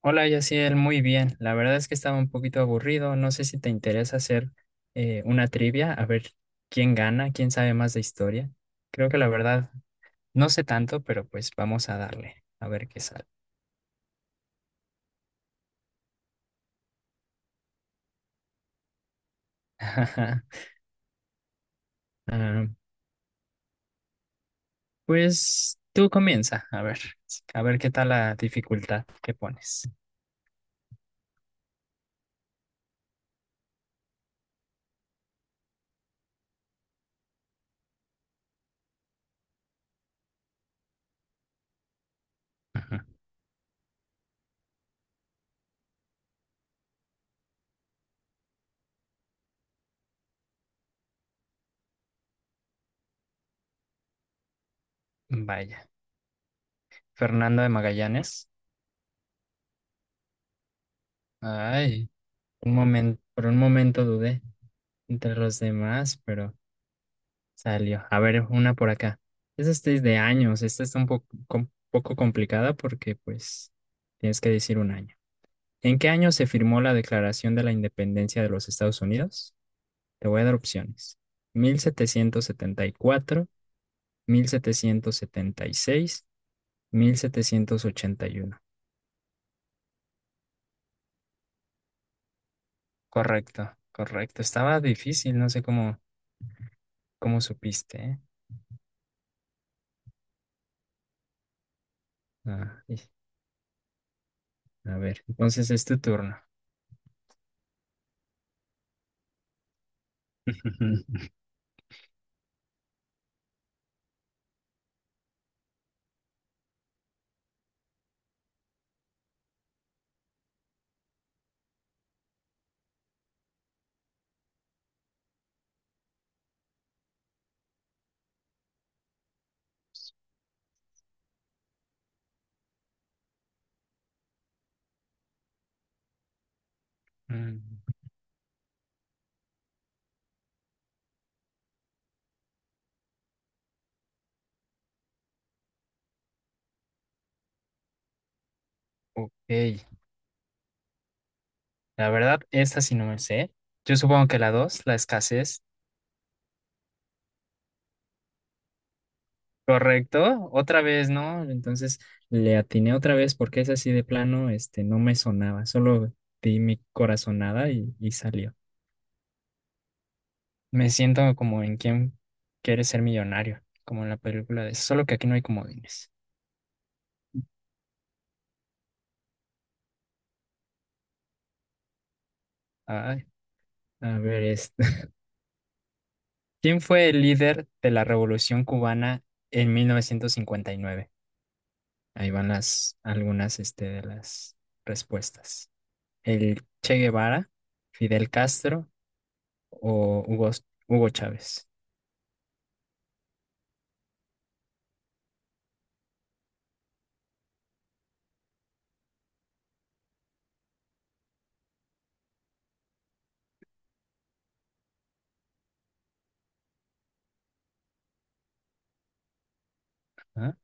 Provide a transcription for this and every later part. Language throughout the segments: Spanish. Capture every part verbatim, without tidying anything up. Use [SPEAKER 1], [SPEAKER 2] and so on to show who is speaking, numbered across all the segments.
[SPEAKER 1] Hola, Yaciel, muy bien. La verdad es que estaba un poquito aburrido. No sé si te interesa hacer eh, una trivia, a ver quién gana, quién sabe más de historia. Creo que la verdad no sé tanto, pero pues vamos a darle, a ver qué sale. Ah, pues tú comienza, a ver, a ver qué tal la dificultad que pones. Ajá. Vaya, Fernando de Magallanes. Ay, un momento, por un momento dudé entre los demás, pero salió. A ver, una por acá. Esta es de de años. Esta está un poco, com- poco complicada porque, pues, tienes que decir un año. ¿En qué año se firmó la Declaración de la Independencia de los Estados Unidos? Te voy a dar opciones. mil mil mil setecientos setecientos setecientos setenta setenta y y cuatro seis mil setecientos ochenta y uno. Correcto, correcto. Estaba difícil, no sé cómo, cómo supiste, ¿eh? Ah, y- a ver, entonces es tu turno. Mm, ok. La verdad, esta sí no me sé. Yo supongo que la dos, la escasez. Correcto, otra vez, ¿no? Entonces le atiné otra vez porque es así de plano, este, no me sonaba. Solo di mi corazonada y, y salió. Me siento como en quien quiere ser millonario, como en la película de Solo que aquí no hay comodines. Ay, a ver, este. ¿Quién fue el líder de la Revolución Cubana en mil novecientos cincuenta y nueve? Ahí van las, algunas, este, de las respuestas. El Che Guevara, Fidel Castro o Hugo, Hugo Chávez. ¿Ah?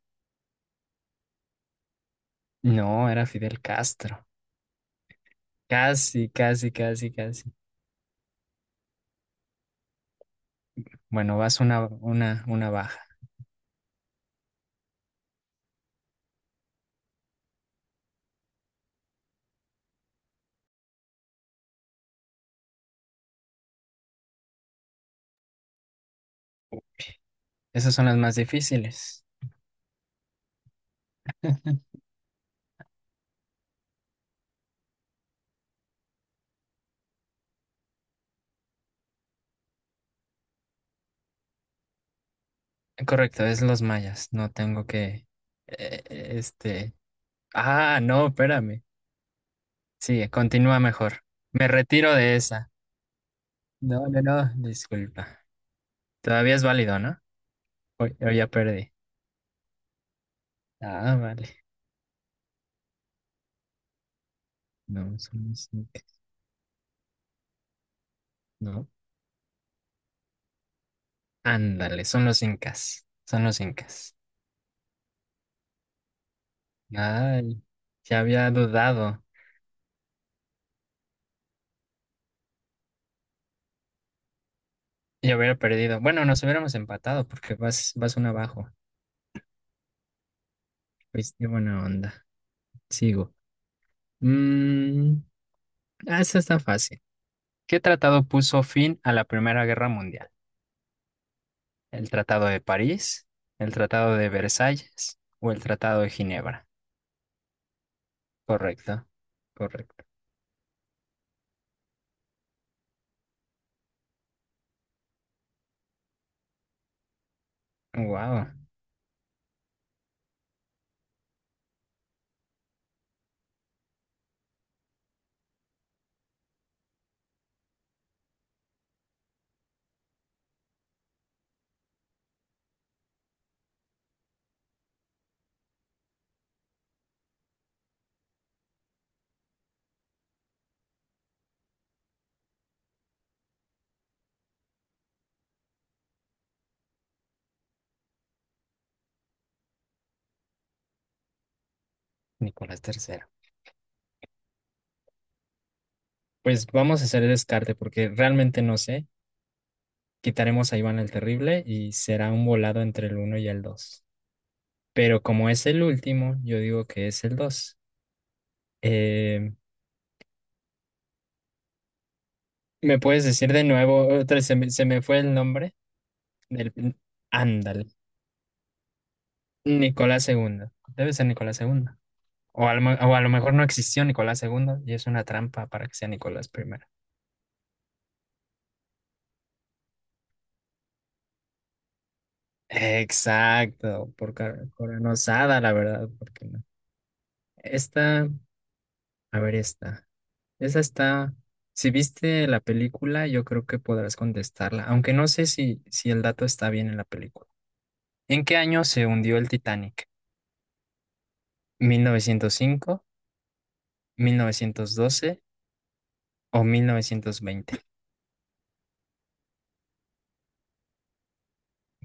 [SPEAKER 1] No, era Fidel Castro. Casi, casi, casi, casi. Bueno, vas una, una, una baja. Esas son las más difíciles. Correcto, es los mayas. No tengo que… eh, eh, este… Ah, no, espérame. Sí, continúa mejor. Me retiro de esa. No, no, no, disculpa. Todavía es válido, ¿no? O, o ya perdí. Ah, vale. No, son los incas. No. Ándale, son los incas, son los incas. Ay, ya había dudado y hubiera perdido. Bueno, nos hubiéramos empatado porque vas, vas un abajo. Pues qué buena onda. Sigo. Mm, ah, esta está fácil. ¿Qué tratado puso fin a la Primera Guerra Mundial? ¿El Tratado de París, el Tratado de Versalles o el Tratado de Ginebra? Correcto, correcto. Wow, Nicolás tercero. Pues vamos a hacer el descarte porque realmente no sé. Quitaremos a Iván el Terrible y será un volado entre el uno y el dos. Pero como es el último, yo digo que es el dos. Eh, ¿me puedes decir de nuevo? Otra, se me, se me fue el nombre del… Ándale. Nicolás segundo. Debe ser Nicolás segundo. O a lo, me- o a lo mejor no existió Nicolás segundo y es una trampa para que sea Nicolás primero. Exacto, por cor- coronozada, la verdad, porque no. Esta, a ver esta. Esa está, si viste la película, yo creo que podrás contestarla, aunque no sé si, si el dato está bien en la película. ¿En qué año se hundió el Titanic? mil mil novecientos cinco, mil novecientos doce o mil novecientos veinte.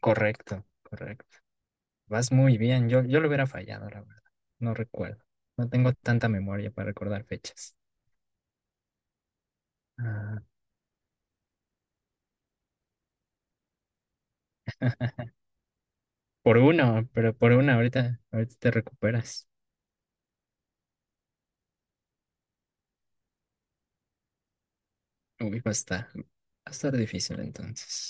[SPEAKER 1] Correcto, correcto. Vas muy bien, yo, yo lo hubiera fallado, la verdad. No recuerdo. No tengo tanta memoria para recordar fechas. Ah, por uno, pero por una, ahorita, ahorita te recuperas. Uy, va a estar, va a estar difícil entonces.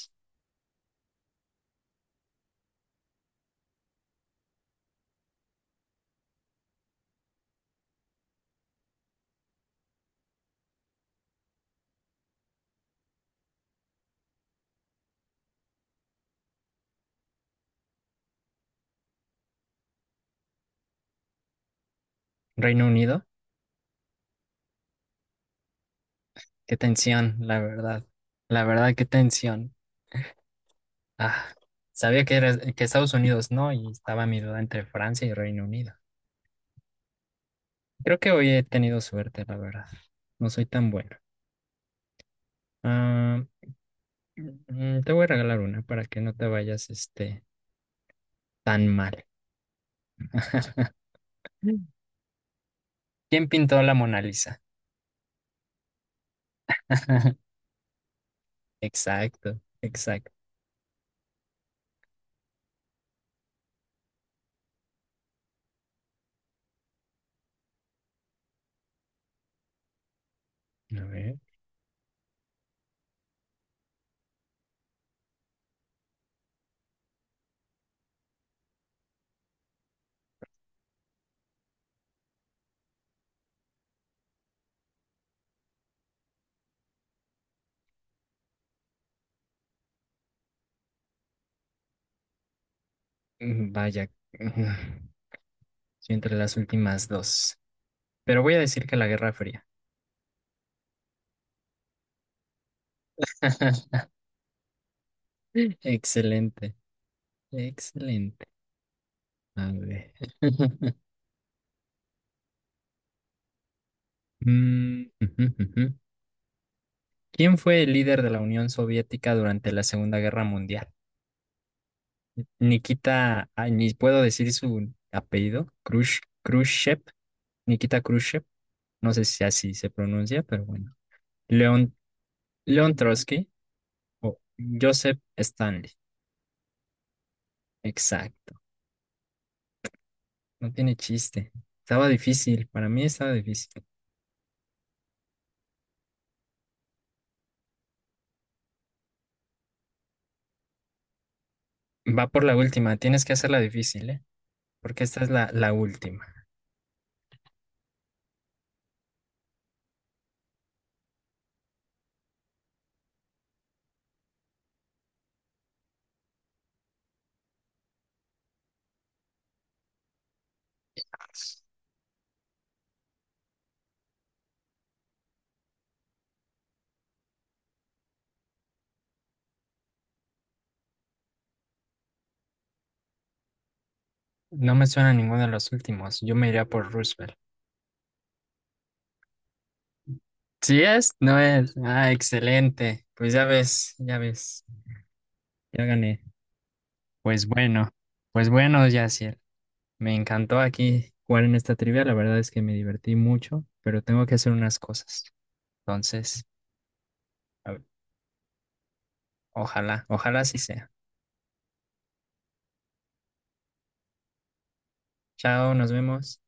[SPEAKER 1] ¿Reino Unido? Qué tensión, la verdad. La verdad, qué tensión. Ah, sabía que era que Estados Unidos no, y estaba mi duda entre Francia y Reino Unido. Creo que hoy he tenido suerte, la verdad. No soy tan bueno. Ah, mm, te voy a regalar una para que no te vayas este tan mal. Mm. ¿Quién pintó la Mona Lisa? Exacto, exacto. A ver. Mm, Vaya, estoy entre las últimas dos. Pero voy a decir que la Guerra Fría. Excelente, excelente. A ver. Mm, ujú, ujú. ¿Quién fue el líder de la Unión Soviética durante la Segunda Guerra Mundial? Nikita, ay, ni puedo decir su apellido, Khrush- Khrushchev, Nikita Khrushchev, no sé si así se pronuncia, pero bueno. León, León Trotsky o Joseph Stanley. Exacto, no tiene chiste. Estaba difícil, para mí estaba difícil. Va por la última, tienes que hacerla difícil, ¿eh? Porque esta es la, la última. No me suena ninguno de los últimos. Yo me iría por Roosevelt. Sí es, no es. Ah, excelente. Pues ya ves, ya ves. Ya gané. Pues bueno, pues bueno, Yacir. Me encantó aquí jugar en esta trivia. La verdad es que me divertí mucho, pero tengo que hacer unas cosas. Entonces, a ojalá, ojalá sí sea. Chao, nos vemos.